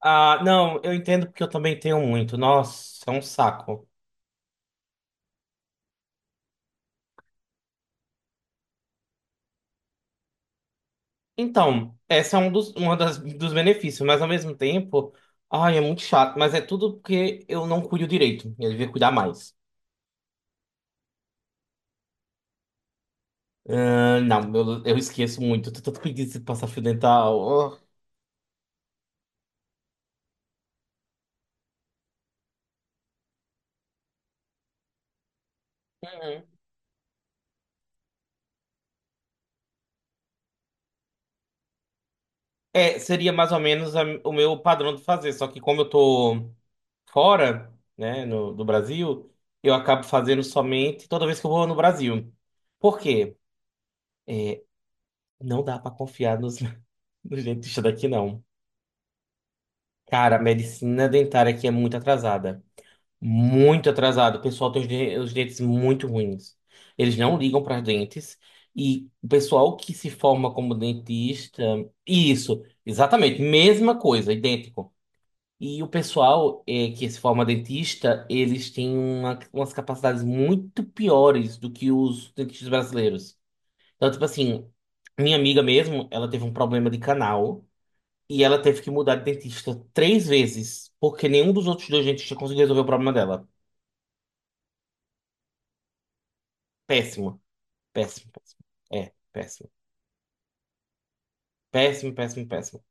Ah, não, eu entendo porque eu também tenho muito. Nossa, é um saco. Então, esse é um dos, uma das, dos benefícios, mas ao mesmo tempo, ai, é muito chato, mas é tudo porque eu não cuido direito. Eu devia cuidar mais. Ah, não, eu esqueço muito. Eu tô tanto preguiça de passar fio dental. Oh. Uhum. É, seria mais ou menos o meu padrão de fazer, só que como eu tô fora, né, no, do Brasil, eu acabo fazendo somente toda vez que eu vou no Brasil. Por quê? Não dá pra confiar nos do dentista daqui não. Cara, a medicina dentária aqui é muito atrasada. Muito atrasada. O pessoal tem os dentes muito ruins. Eles não ligam para os dentes. E o pessoal que se forma como dentista. Isso, exatamente. Mesma coisa, idêntico. E o pessoal que se forma dentista, eles têm umas capacidades muito piores do que os dentistas brasileiros. Então, tipo assim, minha amiga mesmo, ela teve um problema de canal. E ela teve que mudar de dentista três vezes, porque nenhum dos outros dois dentistas conseguiu resolver o problema dela. Péssimo, péssimo, péssimo. É, péssimo. Péssimo, péssimo, péssimo.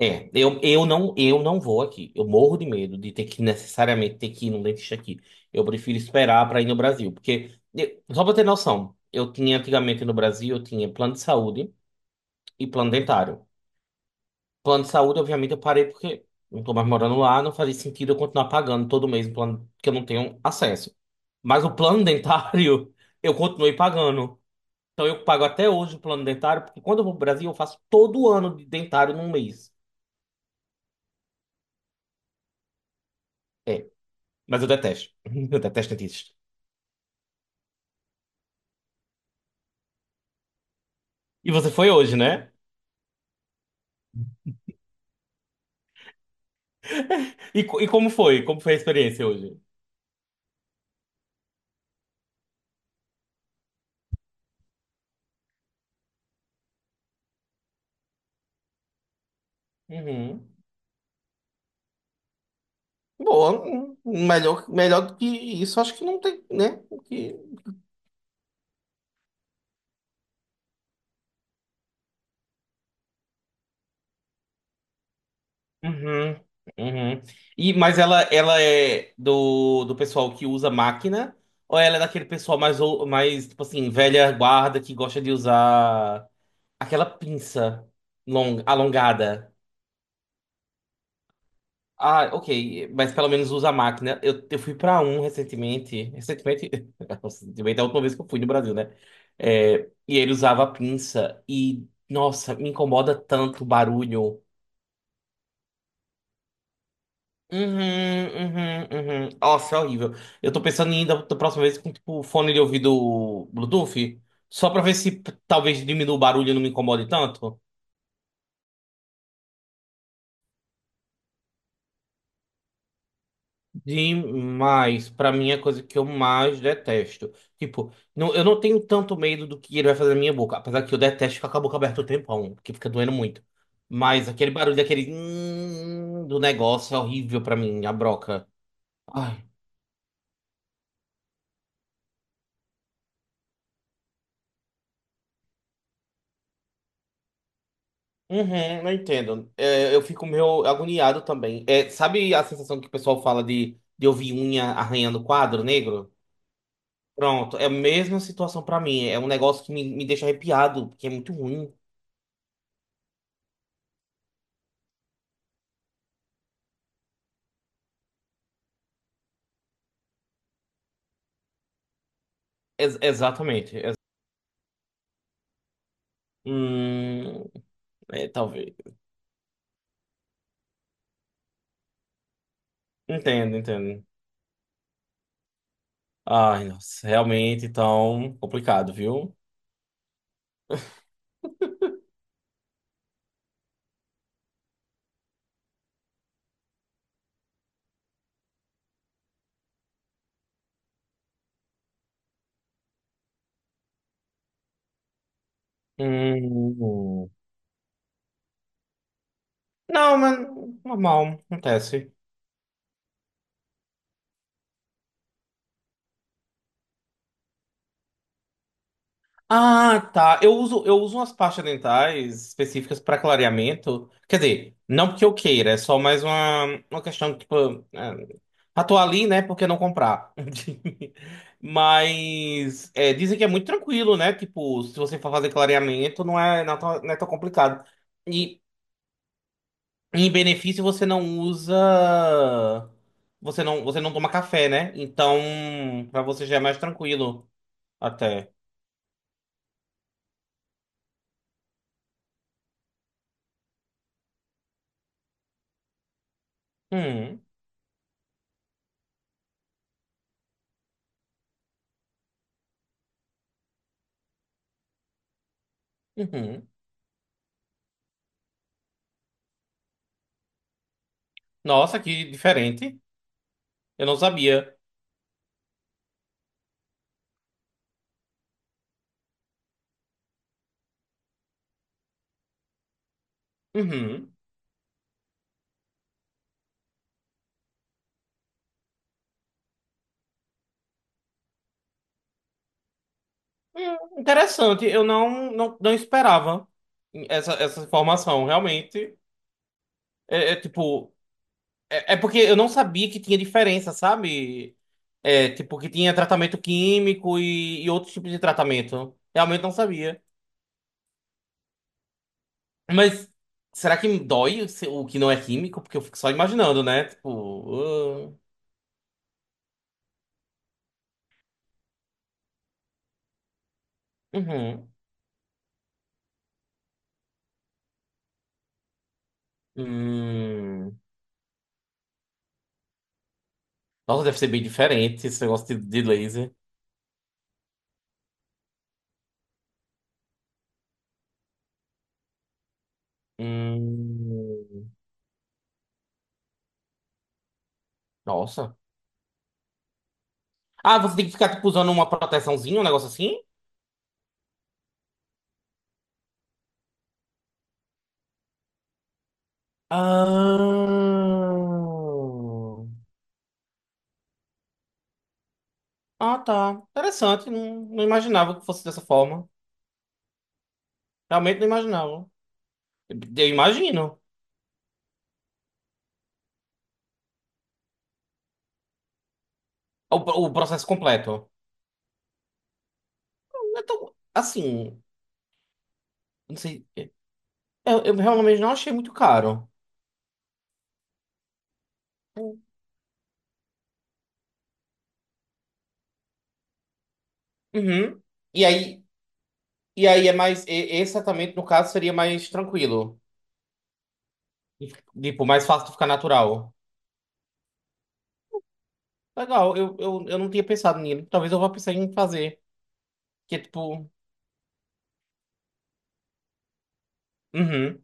É, eu não vou aqui. Eu morro de medo de ter que necessariamente ter que ir num dentista aqui. Eu prefiro esperar para ir no Brasil, porque só pra ter noção, eu tinha antigamente no Brasil, eu tinha plano de saúde e plano dentário. Plano de saúde, obviamente, eu parei porque não tô mais morando lá, não fazia sentido eu continuar pagando todo mês um plano que eu não tenho acesso. Mas o plano dentário, eu continuei pagando. Então eu pago até hoje o plano dentário, porque quando eu vou pro Brasil, eu faço todo ano de dentário num mês. É, mas eu detesto. Eu detesto dentista. E você foi hoje, né? E, e como foi? Como foi a experiência hoje? Uhum. Boa, melhor, melhor do que isso, acho que não tem, né? Uhum, uhum. E, mas ela é do pessoal que usa máquina, ou ela é daquele pessoal mais, mais, tipo assim, velha guarda que gosta de usar aquela pinça alongada? Ah, ok, mas pelo menos usa a máquina. Eu fui pra um recentemente, recentemente, recentemente é a última vez que eu fui no Brasil, né? É, e ele usava a pinça, e, nossa, me incomoda tanto o barulho. Uhum, uhum, uhum. Nossa, é horrível. Eu tô pensando em ir da próxima vez com tipo fone de ouvido Bluetooth, só pra ver se talvez diminua o barulho e não me incomode tanto. Demais. Pra mim é a coisa que eu mais detesto. Tipo, não, eu não tenho tanto medo do que ele vai fazer na minha boca, apesar que eu detesto ficar com a boca aberta o tempão, porque fica doendo muito. Mas aquele barulho, aquele do negócio é horrível pra mim, a broca. Ai. Uhum, eu entendo. É, eu fico meio agoniado também. É, sabe a sensação que o pessoal fala de ouvir unha arranhando quadro negro? Pronto, é a mesma situação pra mim. É um negócio que me deixa arrepiado, porque é muito ruim. Exatamente. Hum, É, talvez. Entendo, entendo. Ai, nossa, realmente tão complicado, viu? Hum. Não, mas normal, acontece. Ah, tá. Eu uso umas pastas dentais específicas para clareamento. Quer dizer, não porque eu queira, é só mais uma questão, tipo, é, ah, ali, né? Por que não comprar? Mas é, dizem que é muito tranquilo, né? Tipo, se você for fazer clareamento, não é, não é tão, não é tão complicado. E em benefício, você não usa. Você não toma café, né? Então, para você já é mais tranquilo, até. Hum, uhum. Nossa, que diferente. Eu não sabia. Uhum. Interessante. Eu não, não, não esperava essa informação. Realmente. É, é tipo. É, é porque eu não sabia que tinha diferença, sabe? É, tipo, que tinha tratamento químico e outros tipos de tratamento. Realmente não sabia. Mas será que dói o o que não é químico? Porque eu fico só imaginando, né? Tipo. Ah. Uhum. Hum. Nossa, deve ser bem diferente esse negócio de laser. Hum, nossa. Ah, você tem que ficar, tipo, usando uma proteçãozinha, um negócio assim? Ah, ah, tá. Interessante. Não, não imaginava que fosse dessa forma. Realmente não imaginava. Eu imagino o processo completo. Então, assim, não sei. Eu realmente não achei muito caro. Uhum. E aí, e aí é mais. E- Esse tratamento, no caso, seria mais tranquilo. Tipo, mais fácil de ficar natural. Legal, eu não tinha pensado nele. Talvez eu vá pensar em fazer. Que é tipo. Uhum.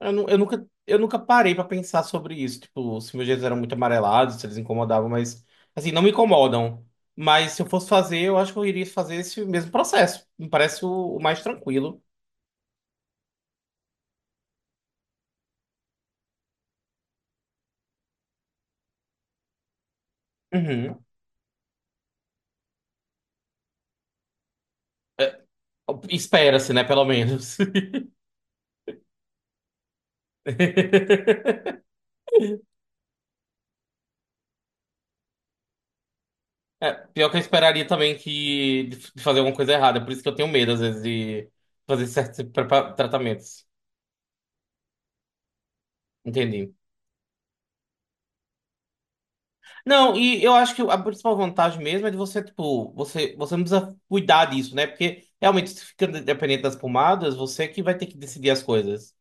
Eu nunca parei pra pensar sobre isso. Tipo, se meus dedos eram muito amarelados, se eles incomodavam, mas. Assim, não me incomodam. Mas se eu fosse fazer, eu acho que eu iria fazer esse mesmo processo. Me parece o mais tranquilo. Uhum. É, espera-se, né? Pelo menos. É, pior que eu esperaria também que de fazer alguma coisa errada. Por isso que eu tenho medo, às vezes, de fazer certos tratamentos. Entendi. Não, e eu acho que a principal vantagem mesmo é de você, tipo, você não precisa cuidar disso, né? Porque realmente, se fica dependente das pomadas, você que vai ter que decidir as coisas.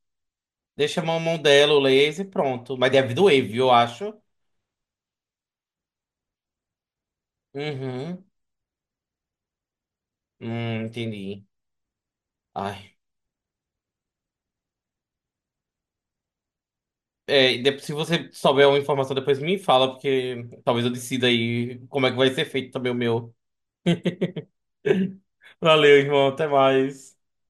Deixa a mão dela, o laser e pronto. Mas deve doer, viu, eu acho. Uhum. Entendi. Ai. É, e se você souber uma informação, depois me fala, porque talvez eu decida aí como é que vai ser feito também o meu. Valeu, irmão. Até mais.